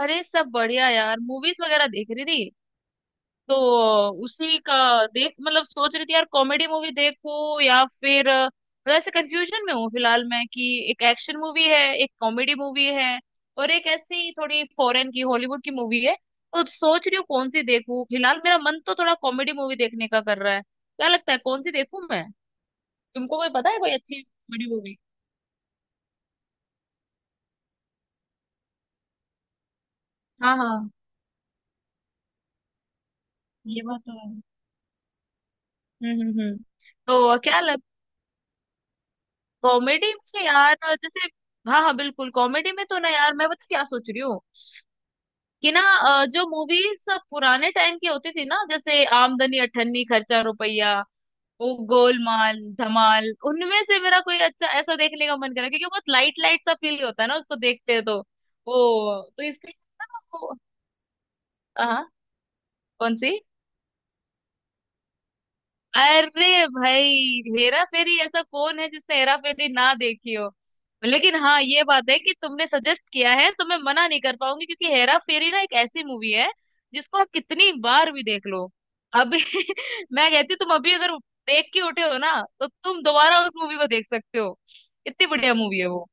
अरे सब बढ़िया यार, मूवीज वगैरह देख रही थी। तो उसी का देख, मतलब सोच रही थी यार कॉमेडी मूवी देखूं या फिर मतलब ऐसे कंफ्यूजन में हूँ फिलहाल मैं कि एक एक्शन मूवी है, एक कॉमेडी मूवी है, और एक ऐसी थोड़ी फॉरेन की, हॉलीवुड की मूवी है। तो सोच रही हूँ कौन सी देखूं। फिलहाल मेरा मन तो थोड़ा कॉमेडी मूवी देखने का कर रहा है, क्या लगता है कौन सी देखूं मैं? तुमको कोई पता है कोई अच्छी कॉमेडी मूवी? हाँ हाँ, ये बात तो है। हम्म हम्म हम्म तो क्या लग, कॉमेडी में यार जैसे, हाँ हाँ बिल्कुल कॉमेडी में तो, ना यार मैं पता क्या सोच रही हूँ, कि ना जो मूवीज पुराने टाइम की होती थी ना, जैसे आमदनी अठन्नी खर्चा रुपया, वो गोलमाल धमाल, उनमें से मेरा कोई अच्छा ऐसा देखने का मन करा, क्योंकि बहुत लाइट लाइट सा फील होता है ना उसको देखते हैं तो। वो तो इसके लिए ना वो, हाँ। कौन सी? अरे भाई हेरा फेरी, ऐसा कौन है जिसने हेरा फेरी ना देखी हो। लेकिन हाँ, ये बात है कि तुमने सजेस्ट किया है तो मैं मना नहीं कर पाऊंगी, क्योंकि हेरा फेरी ना एक ऐसी मूवी है जिसको आप कितनी बार भी देख लो। अभी मैं कहती हूँ, तुम अभी अगर देख के उठे हो ना, तो तुम दोबारा उस मूवी को देख सकते हो, इतनी बढ़िया मूवी है वो।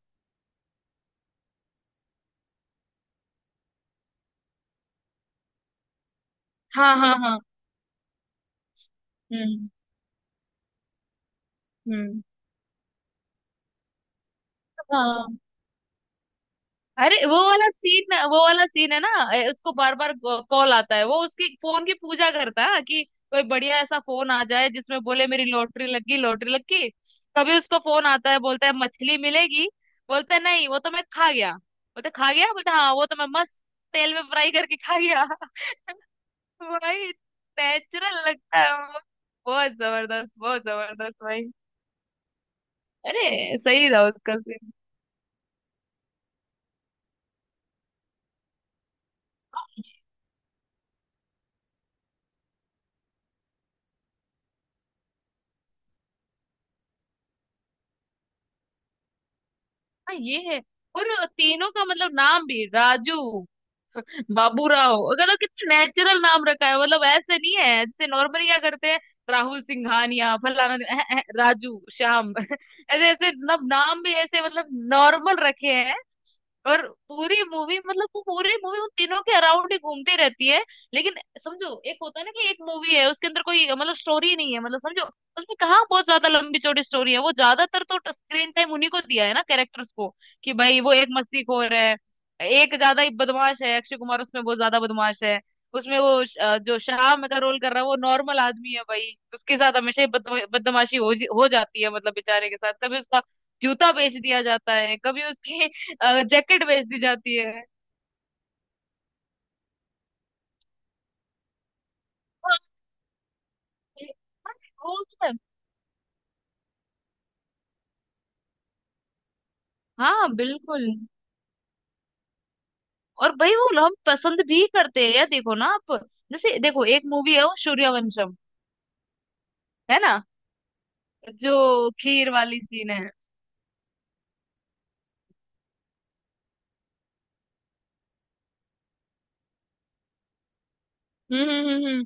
हाँ हाँ हाँ। हम्म हम्म। हाँ, अरे वो वाला सीन, वो वाला सीन है ना, उसको बार बार कॉल आता है, वो उसकी फोन की पूजा करता है कि कोई बढ़िया ऐसा फोन आ जाए जिसमें बोले मेरी लॉटरी लग गई, लॉटरी लग गई। कभी उसको फोन आता है बोलता है मछली मिलेगी, बोलता है नहीं वो तो मैं खा गया, बोलता है खा गया, बोलता है हाँ वो तो मैं मस्त तेल में फ्राई करके खा गया भाई नेचुरल लगता है वो, बहुत जबरदस्त, बहुत जबरदस्त भाई। अरे सही था उसका सीन। हाँ ये है। और तीनों का मतलब नाम भी राजू, बाबूराव, मतलब कितना नेचुरल नाम रखा है। मतलब ऐसे नहीं है जैसे नॉर्मली क्या करते हैं, राहुल सिंघानिया फलाना राजू श्याम ऐसे ऐसे मतलब नाम भी ऐसे, मतलब नॉर्मल रखे। और पूरी मूवी मतलब वो पूरी मूवी उन तीनों के अराउंड ही घूमती रहती है। लेकिन समझो, एक होता है ना कि एक मूवी है उसके अंदर कोई मतलब स्टोरी नहीं है, मतलब समझो उसमें कहाँ बहुत ज्यादा लंबी चौड़ी स्टोरी है। वो ज्यादातर तो स्क्रीन टाइम उन्हीं को दिया है ना कैरेक्टर्स को, कि भाई वो एक मस्तीखोर है, एक ज्यादा ही बदमाश है, अक्षय कुमार उसमें बहुत ज्यादा बदमाश है। उसमें वो जो श्याम का रोल कर रहा है वो नॉर्मल आदमी है भाई, उसके साथ हमेशा ही बदमाशी हो जाती है, मतलब बेचारे के साथ कभी उसका जूता बेच दिया जाता है कभी उसके जैकेट बेच दी जाती है। हाँ, वो तो है। हाँ बिल्कुल। और भाई, वो हम पसंद भी करते हैं यार, देखो ना आप, जैसे देखो एक मूवी है वो सूर्यवंशम, है ना, जो खीर वाली सीन है। हम्म हम्म हम्म हम्म।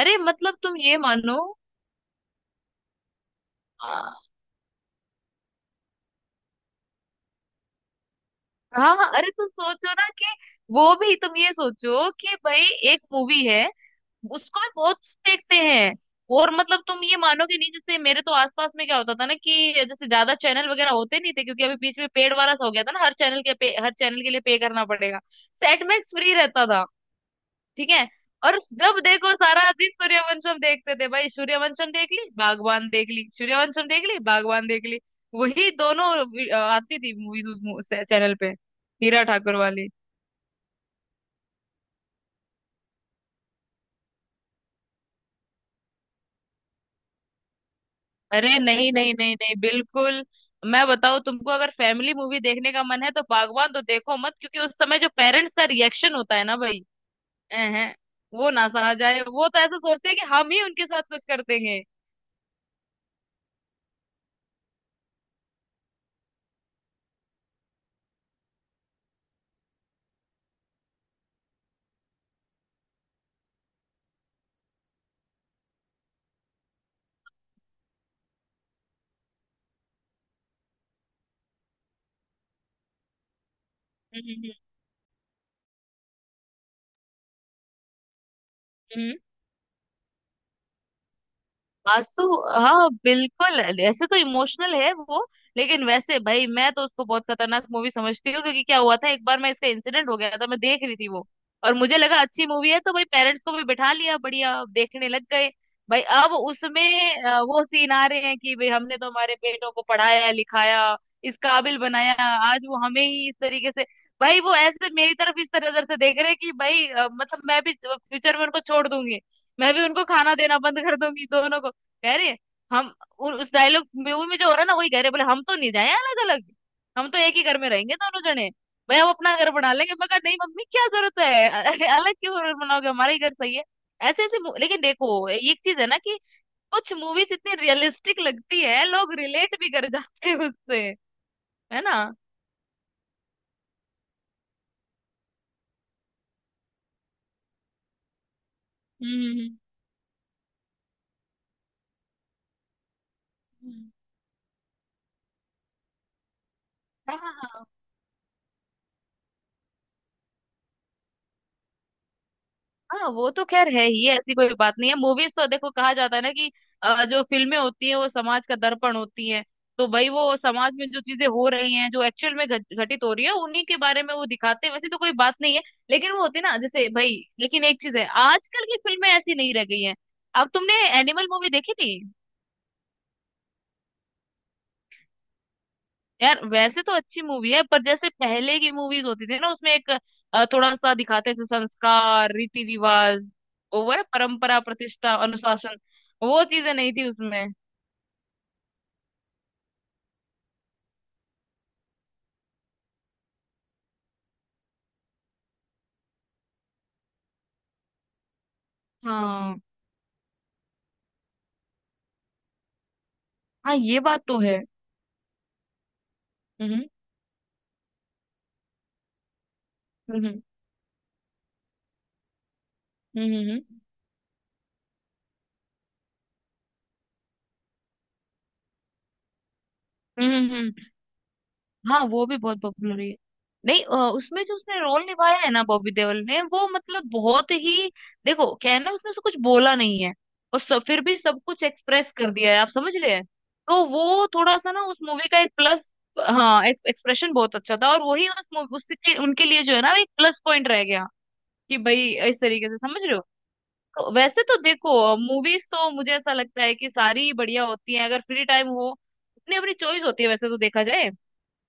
अरे मतलब तुम ये मानो। आ, हाँ हाँ, अरे तुम सोचो ना कि, वो भी तुम ये सोचो कि भाई एक मूवी है, उसको भी बहुत देखते हैं। और मतलब तुम ये मानोगे नहीं जैसे मेरे तो आसपास में क्या होता था ना, कि जैसे ज्यादा चैनल वगैरह होते नहीं थे क्योंकि अभी बीच में पेड वाला सा हो गया था ना, हर हर चैनल के लिए पे करना पड़ेगा। सेट मैक्स फ्री रहता था, ठीक है। और जब देखो सारा दिन सूर्यवंशम देखते थे भाई, सूर्यवंशम देख ली बागवान देख ली, सूर्यवंशम देख ली बागवान देख ली, वही दोनों आती थी मूवीज उस चैनल पे, हीरा ठाकुर वाली। अरे नहीं नहीं नहीं नहीं, बिल्कुल, मैं बताऊं तुमको, अगर फैमिली मूवी देखने का मन है तो बागवान तो देखो मत, क्योंकि उस समय जो पेरेंट्स का रिएक्शन होता है ना भाई, हैं, वो ना सहा जाए। वो तो ऐसा सोचते हैं कि हम ही उनके साथ कुछ कर देंगे। हम्म हम्म, आंसू, हाँ बिल्कुल, ऐसे तो इमोशनल है वो। लेकिन वैसे भाई मैं तो उसको बहुत खतरनाक मूवी समझती हूँ, क्योंकि क्या हुआ था एक बार, मैं इसका इंसिडेंट हो गया था, मैं देख रही थी वो और मुझे लगा अच्छी मूवी है तो भाई पेरेंट्स को भी बिठा लिया, बढ़िया अब देखने लग गए। भाई अब उसमें वो सीन आ रहे हैं कि भाई हमने तो हमारे बेटों को पढ़ाया लिखाया, इस काबिल बनाया, आज वो हमें ही इस तरीके से। भाई वो ऐसे मेरी तरफ इस तरह नजर से देख रहे हैं कि भाई मतलब मैं भी फ्यूचर में उनको छोड़ दूंगी, मैं भी उनको खाना देना बंद कर दूंगी दोनों को। कह रहे हम, उस डायलॉग मूवी में जो हो रहा है ना वही कह रहे, बोले हम तो नहीं जाए अलग अलग, हम तो एक ही घर में रहेंगे दोनों जने। भाई हम अपना घर बना लेंगे, मैं कहा नहीं मम्मी क्या जरूरत है, अरे अलग क्यों घर बनाओगे, हमारा ही घर सही है। ऐसे ऐसे लेकिन देखो एक चीज है ना कि कुछ मूवीज इतनी रियलिस्टिक लगती है, लोग रिलेट भी कर जाते हैं उससे, है ना। हम्म हम्म, हम्म। हाँ हाँ हाँ, वो तो खैर है ही, ऐसी कोई बात नहीं है। मूवीज तो देखो कहा जाता है ना कि जो फिल्में होती हैं वो समाज का दर्पण होती हैं। तो भाई वो समाज में जो चीजें हो रही हैं, जो एक्चुअल में घटित हो रही है उन्हीं के बारे में वो दिखाते हैं, वैसे तो कोई बात नहीं है। लेकिन वो होती है ना जैसे भाई, लेकिन एक चीज है, आजकल की फिल्में ऐसी नहीं रह गई हैं। अब तुमने एनिमल मूवी देखी थी, यार वैसे तो अच्छी मूवी है पर जैसे पहले की मूवीज होती थी ना उसमें एक थोड़ा सा दिखाते थे, संस्कार, रीति रिवाज, वो है परंपरा, प्रतिष्ठा, अनुशासन, वो चीजें नहीं थी उसमें। हाँ हाँ, ये बात तो है। हम्म हम्म हम्म हम्म हम्म हम्म हम्म, हम्म, हाँ, वो भी बहुत पॉपुलर है। नहीं, उसमें जो उसने रोल निभाया है ना बॉबी देओल ने, वो मतलब बहुत ही, देखो क्या है ना उसने से कुछ बोला नहीं है, और सब फिर भी सब कुछ एक्सप्रेस कर दिया है, आप समझ रहे हैं। तो वो थोड़ा सा ना उस मूवी का एक प्लस, हाँ एक एक्सप्रेशन बहुत अच्छा था, और वही उस मूवी उसके उनके लिए जो है ना, एक प्लस पॉइंट रह गया, कि भाई इस तरीके से, समझ रहे हो। तो वैसे तो देखो मूवीज तो मुझे ऐसा लगता है कि सारी ही बढ़िया होती हैं अगर फ्री टाइम हो। अपनी अपनी चॉइस होती है वैसे तो देखा जाए।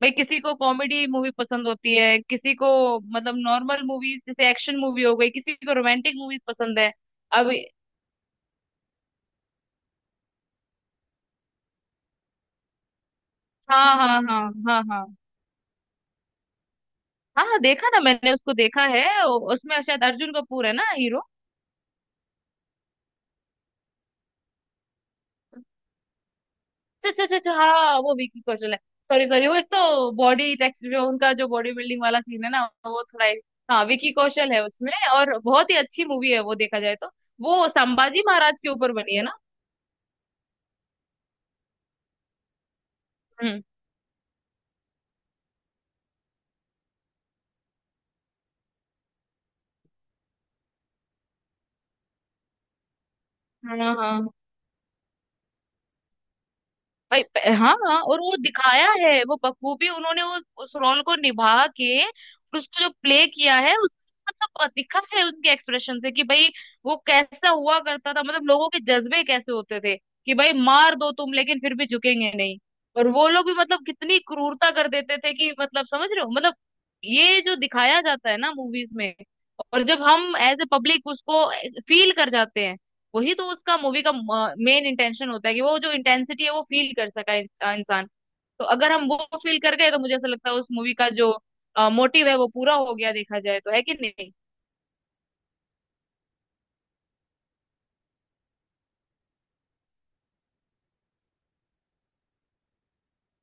भाई किसी को कॉमेडी मूवी पसंद होती है, किसी को मतलब नॉर्मल मूवीज जैसे एक्शन मूवी हो गई, किसी को रोमांटिक मूवीज पसंद है। अब, हाँ हाँ हाँ हाँ हाँ हाँ हाँ, देखा ना मैंने, उसको देखा है। उसमें शायद अर्जुन कपूर है ना हीरो। अच्छा अच्छा अच्छा अच्छा, हाँ वो विकी कौशल है। सॉरी सॉरी, वो एक तो बॉडी टेक्सचर जो उनका, जो बॉडी बिल्डिंग वाला सीन है ना वो थोड़ा एक-, हाँ विकी कौशल है उसमें, और बहुत ही अच्छी मूवी है वो देखा जाए तो। वो संभाजी महाराज के ऊपर बनी है ना। हम्म, हाँ हाँ। भाई हाँ हाँ, और वो दिखाया है वो बखूबी उन्होंने उस रोल को निभा के, और उसको जो प्ले किया है उस मतलब, दिखा है उनके एक्सप्रेशन से कि भाई वो कैसा हुआ करता था, मतलब लोगों के जज्बे कैसे होते थे कि भाई मार दो तुम लेकिन फिर भी झुकेंगे नहीं। और वो लोग भी मतलब कितनी क्रूरता कर देते थे कि मतलब, समझ रहे हो मतलब, ये जो दिखाया जाता है ना मूवीज में, और जब हम एज ए पब्लिक उसको फील कर जाते हैं, वही तो उसका मूवी का मेन इंटेंशन होता है, कि वो जो इंटेंसिटी है वो फील कर सका इंसान। तो अगर हम वो फील कर गए तो मुझे ऐसा लगता है उस मूवी का जो मोटिव है वो पूरा हो गया देखा जाए तो, है कि नहीं।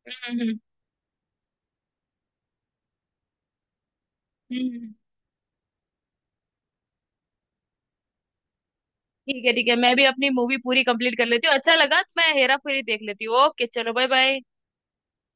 हम्म हम्म हम्म। ठीक है ठीक है, मैं भी अपनी मूवी पूरी कंप्लीट कर लेती हूँ, अच्छा लगा तो मैं हेरा फेरी देख लेती हूँ। ओके, चलो बाय बाय।